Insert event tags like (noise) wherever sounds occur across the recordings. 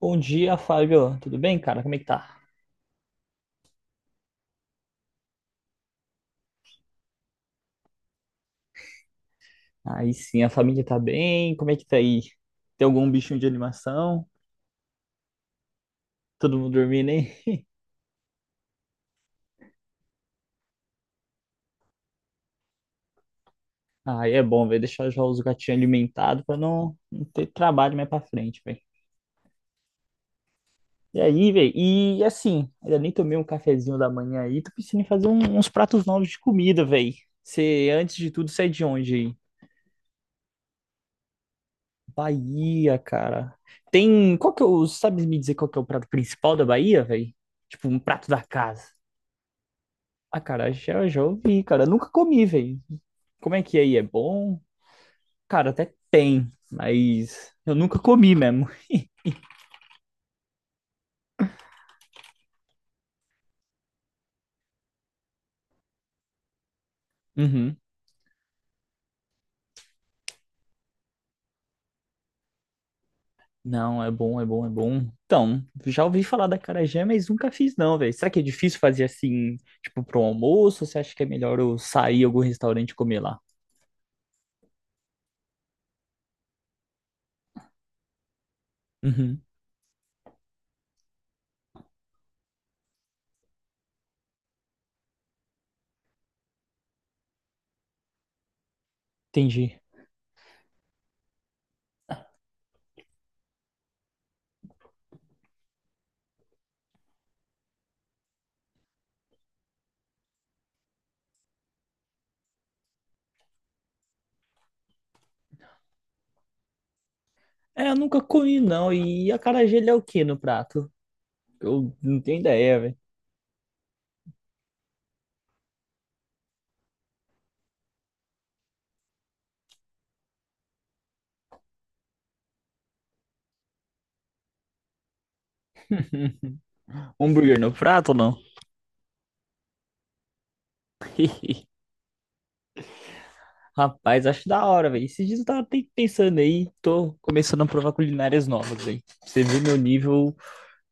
Bom dia, Fábio. Tudo bem, cara? Como é que tá? Aí sim, a família tá bem. Como é que tá aí? Tem algum bichinho de animação? Todo mundo dormindo, hein? Aí é bom, velho. Deixar já os gatinhos alimentados pra não ter trabalho mais pra frente, velho. E aí, velho? E assim, ainda nem tomei um cafezinho da manhã aí. Tô pensando em uns pratos novos de comida, velho. Você, antes de tudo, sai de onde aí? Bahia, cara. Tem. Qual que é o. Sabe me dizer qual que é o prato principal da Bahia, velho? Tipo, um prato da casa. Acarajé eu já ouvi, cara. Nunca comi, velho. Como é que é aí? É bom? Cara, até tem, mas eu nunca comi mesmo. Uhum. Não, é bom, é bom, é bom. Então, já ouvi falar da acarajé, mas nunca fiz não, velho. Será que é difícil fazer assim, tipo, pro almoço? Ou você acha que é melhor eu sair em algum restaurante e comer lá? Uhum. Entendi. É, eu nunca comi não. E acarajé ele é o que no prato? Eu não tenho ideia, velho. Hambúrguer no prato ou não? Rapaz, acho da hora, velho. Esses dias eu tava até pensando aí, tô começando a provar culinárias novas, velho. Pra Você viu meu nível, pra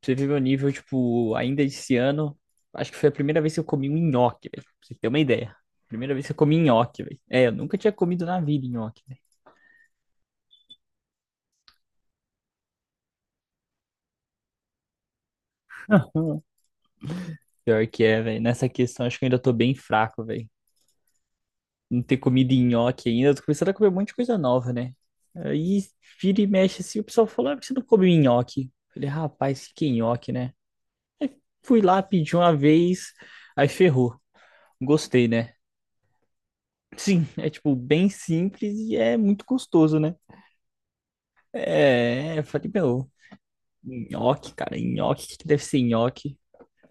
Você viu meu nível, tipo, ainda esse ano. Acho que foi a primeira vez que eu comi um nhoque, velho. Pra você ter uma ideia. Primeira vez que eu comi nhoque, velho. É, eu nunca tinha comido na vida nhoque, velho. (laughs) Pior que é, velho. Nessa questão, acho que eu ainda tô bem fraco, velho. Não ter comido nhoque ainda. Eu tô começando a comer um monte de coisa nova, né? Aí vira e mexe assim, o pessoal fala, ah, por que você não come nhoque? Eu Falei, rapaz, que nhoque, né? Aí fui lá, pedi uma vez, aí ferrou. Gostei, né? Sim, é tipo bem simples e é muito gostoso, né? É, eu falei, meu, nhoque, cara, nhoque, o que que deve ser nhoque?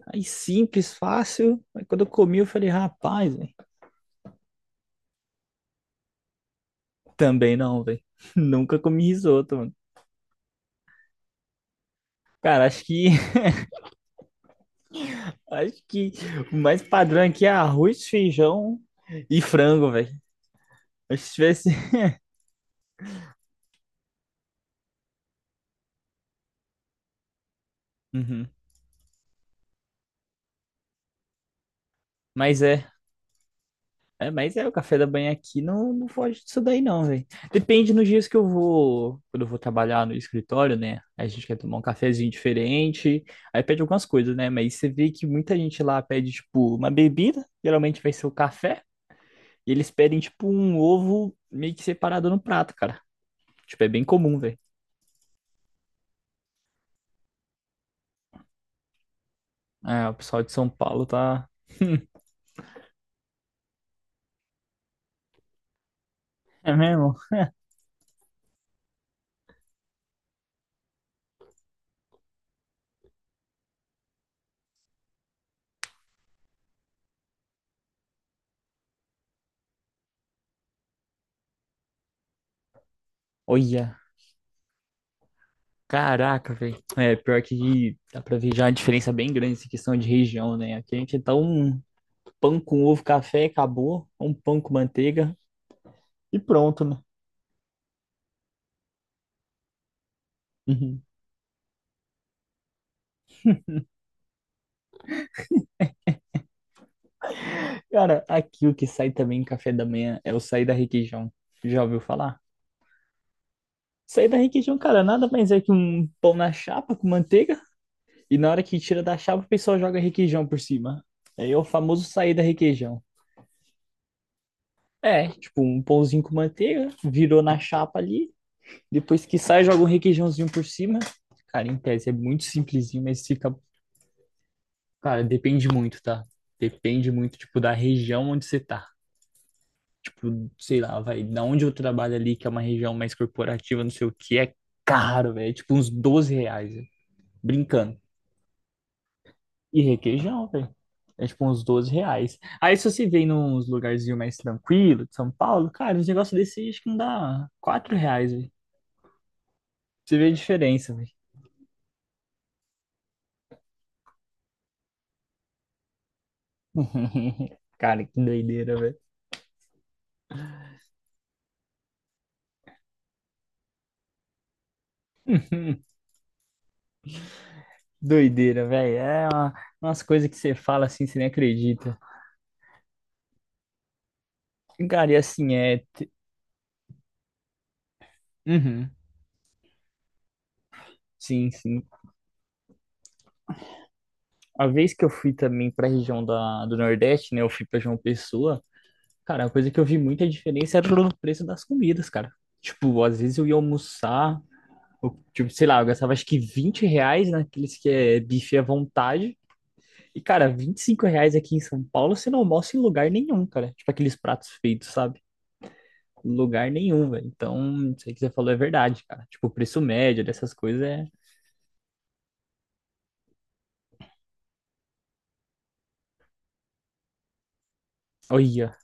Aí simples, fácil. Aí quando eu comi, eu falei, rapaz, velho, também não, velho. (laughs) Nunca comi risoto, mano. Cara, acho que (laughs) acho que o mais padrão aqui é arroz, feijão e frango, velho. Acho que se tivesse. (laughs) Uhum. Mas é. É, mas é, o café da manhã aqui não foge disso daí não, velho. Depende nos dias que eu vou, quando eu vou trabalhar no escritório, né? A gente quer tomar um cafezinho diferente, aí pede algumas coisas, né? Mas você vê que muita gente lá pede, tipo, uma bebida, geralmente vai ser o café, e eles pedem, tipo, um ovo meio que separado no prato, cara. Tipo, é bem comum, velho. É, o pessoal de São Paulo tá... É mesmo? Olha, caraca, velho. É, pior que dá pra ver já a diferença bem grande essa questão de região, né? Aqui a gente é tão pão com ovo, café, acabou. Um pão com manteiga e pronto, né? Uhum. Cara, aqui o que sai também em café da manhã é o sair da requeijão. Já ouviu falar? Sair da requeijão, cara, nada mais é que um pão na chapa com manteiga e na hora que tira da chapa o pessoal joga requeijão por cima. Aí é o famoso sair da requeijão. É, tipo, um pãozinho com manteiga, virou na chapa ali, depois que sai joga um requeijãozinho por cima. Cara, em tese é muito simplesinho, mas fica. Cara, depende muito, tá? Depende muito, tipo, da região onde você tá. Tipo, sei lá, vai, da onde eu trabalho ali, que é uma região mais corporativa, não sei o que, é caro, velho. É tipo uns R$ 12, velho. Brincando. E requeijão, velho. É tipo uns 12 reais. Aí se você vem nos lugarzinhos mais tranquilo de São Paulo, cara, uns negócios desse acho que não dá R$ 4, velho. Você vê a diferença, velho. (laughs) Cara, que doideira, velho. (laughs) Doideira, velho. É umas coisas que você fala assim, você nem acredita. Cara, e assim, é. Uhum. Sim, sim. A vez que eu fui também pra região da, do Nordeste, né? Eu fui pra João Pessoa. Cara, a coisa que eu vi muita diferença era o preço das comidas, cara. Tipo, às vezes eu ia almoçar, eu, tipo, sei lá, eu gastava acho que R$ 20 naqueles que é bife à vontade. E, cara, R$ 25 aqui em São Paulo você não almoça em lugar nenhum, cara. Tipo, aqueles pratos feitos, sabe? Lugar nenhum, velho. Então, isso aí que você falou é verdade, cara. Tipo, o preço médio dessas coisas é. Olha.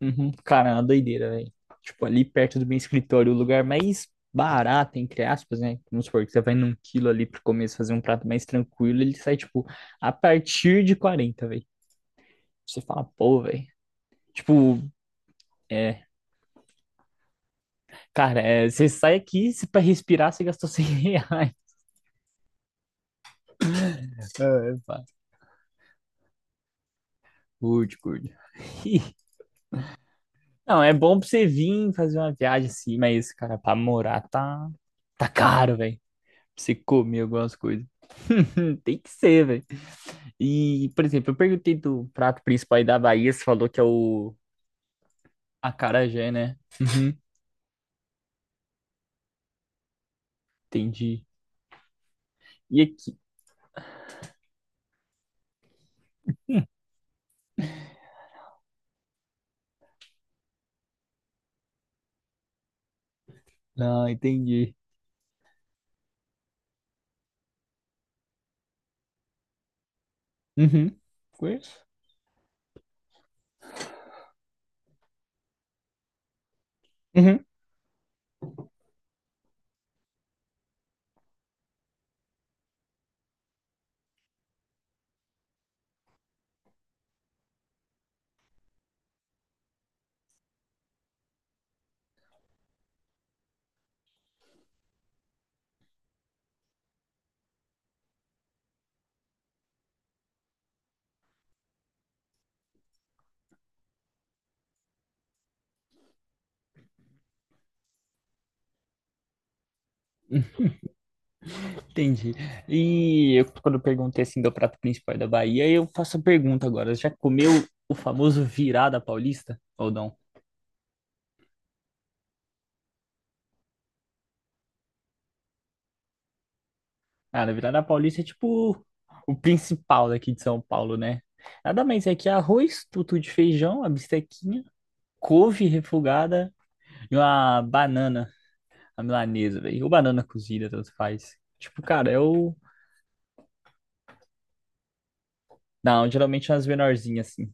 Uhum. Cara, é uma doideira, velho. Tipo, ali perto do meu escritório, o lugar mais barato, entre aspas, né? Vamos supor que você vai num quilo ali pro começo fazer um prato mais tranquilo, ele sai, tipo, a partir de 40 velho. Você fala, pô, velho. Tipo, é. Cara, é, você sai aqui, se pra respirar, você gastou (laughs) R$ 100. É, pá. Curte, curte. (laughs) Não, é bom pra você vir fazer uma viagem assim, mas, cara, pra morar tá caro, velho. Pra você comer algumas coisas. (laughs) Tem que ser, velho. E, por exemplo, eu perguntei do prato principal aí da Bahia, você falou que é o acarajé, né? Uhum, (laughs) entendi. E aqui? Não, entendi. Uhum. Conheço. Uhum, entendi. E eu, quando eu perguntei assim do prato principal da Bahia, eu faço a pergunta agora. Já comeu o famoso virada paulista? Ou não? Ah, a virada paulista é tipo o principal daqui de São Paulo, né? Nada mais é que arroz, tutu de feijão, a bistequinha, couve refogada e uma banana. A milanesa, velho. Ou banana cozida, tanto faz. Tipo, cara, eu. Não, geralmente é umas menorzinhas, assim.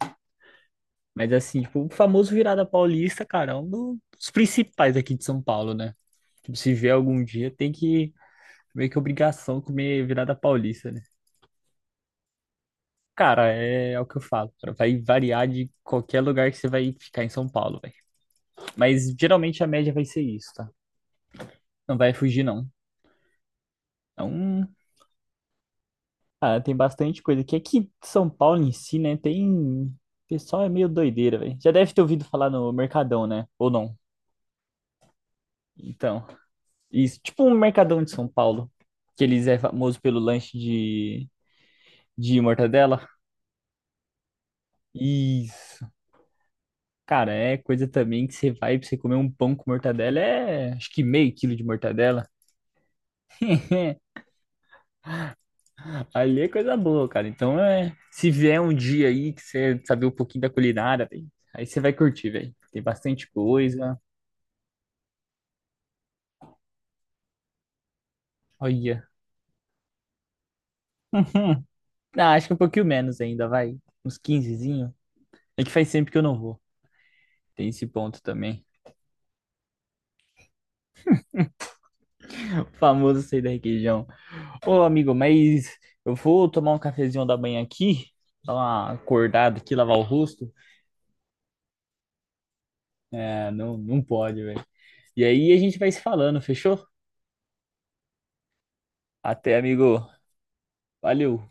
Mas assim, tipo, o famoso virada paulista, cara, é dos principais aqui de São Paulo, né? Tipo, se vier algum dia, tem que. Meio que obrigação comer virada paulista, né? Cara, é, é o que eu falo. Cara. Vai variar de qualquer lugar que você vai ficar em São Paulo, velho. Mas geralmente a média vai ser isso, tá? Não vai fugir, não. Então, ah, tem bastante coisa aqui. Aqui em São Paulo em si, né? Tem. O pessoal é meio doideira, velho. Já deve ter ouvido falar no Mercadão, né? Ou não? Então, isso. Tipo um Mercadão de São Paulo. Que eles é famoso pelo lanche de mortadela. Isso. Cara, é coisa também que você vai pra você comer um pão com mortadela. É acho que meio quilo de mortadela. (laughs) Ali é coisa boa, cara. Então é. Se vier um dia aí que você saber um pouquinho da culinária, velho. Aí você vai curtir, velho. Tem bastante coisa. Olha. (laughs) Hum, ah, acho que um pouquinho menos ainda, vai. Uns quinzezinho. É que faz sempre que eu não vou. Tem esse ponto também. (laughs) O famoso sair da requeijão. Ô, amigo, mas eu vou tomar um cafezinho da manhã aqui, dar uma acordada aqui, lavar o rosto. É, não, não pode, velho. E aí a gente vai se falando, fechou? Até, amigo. Valeu.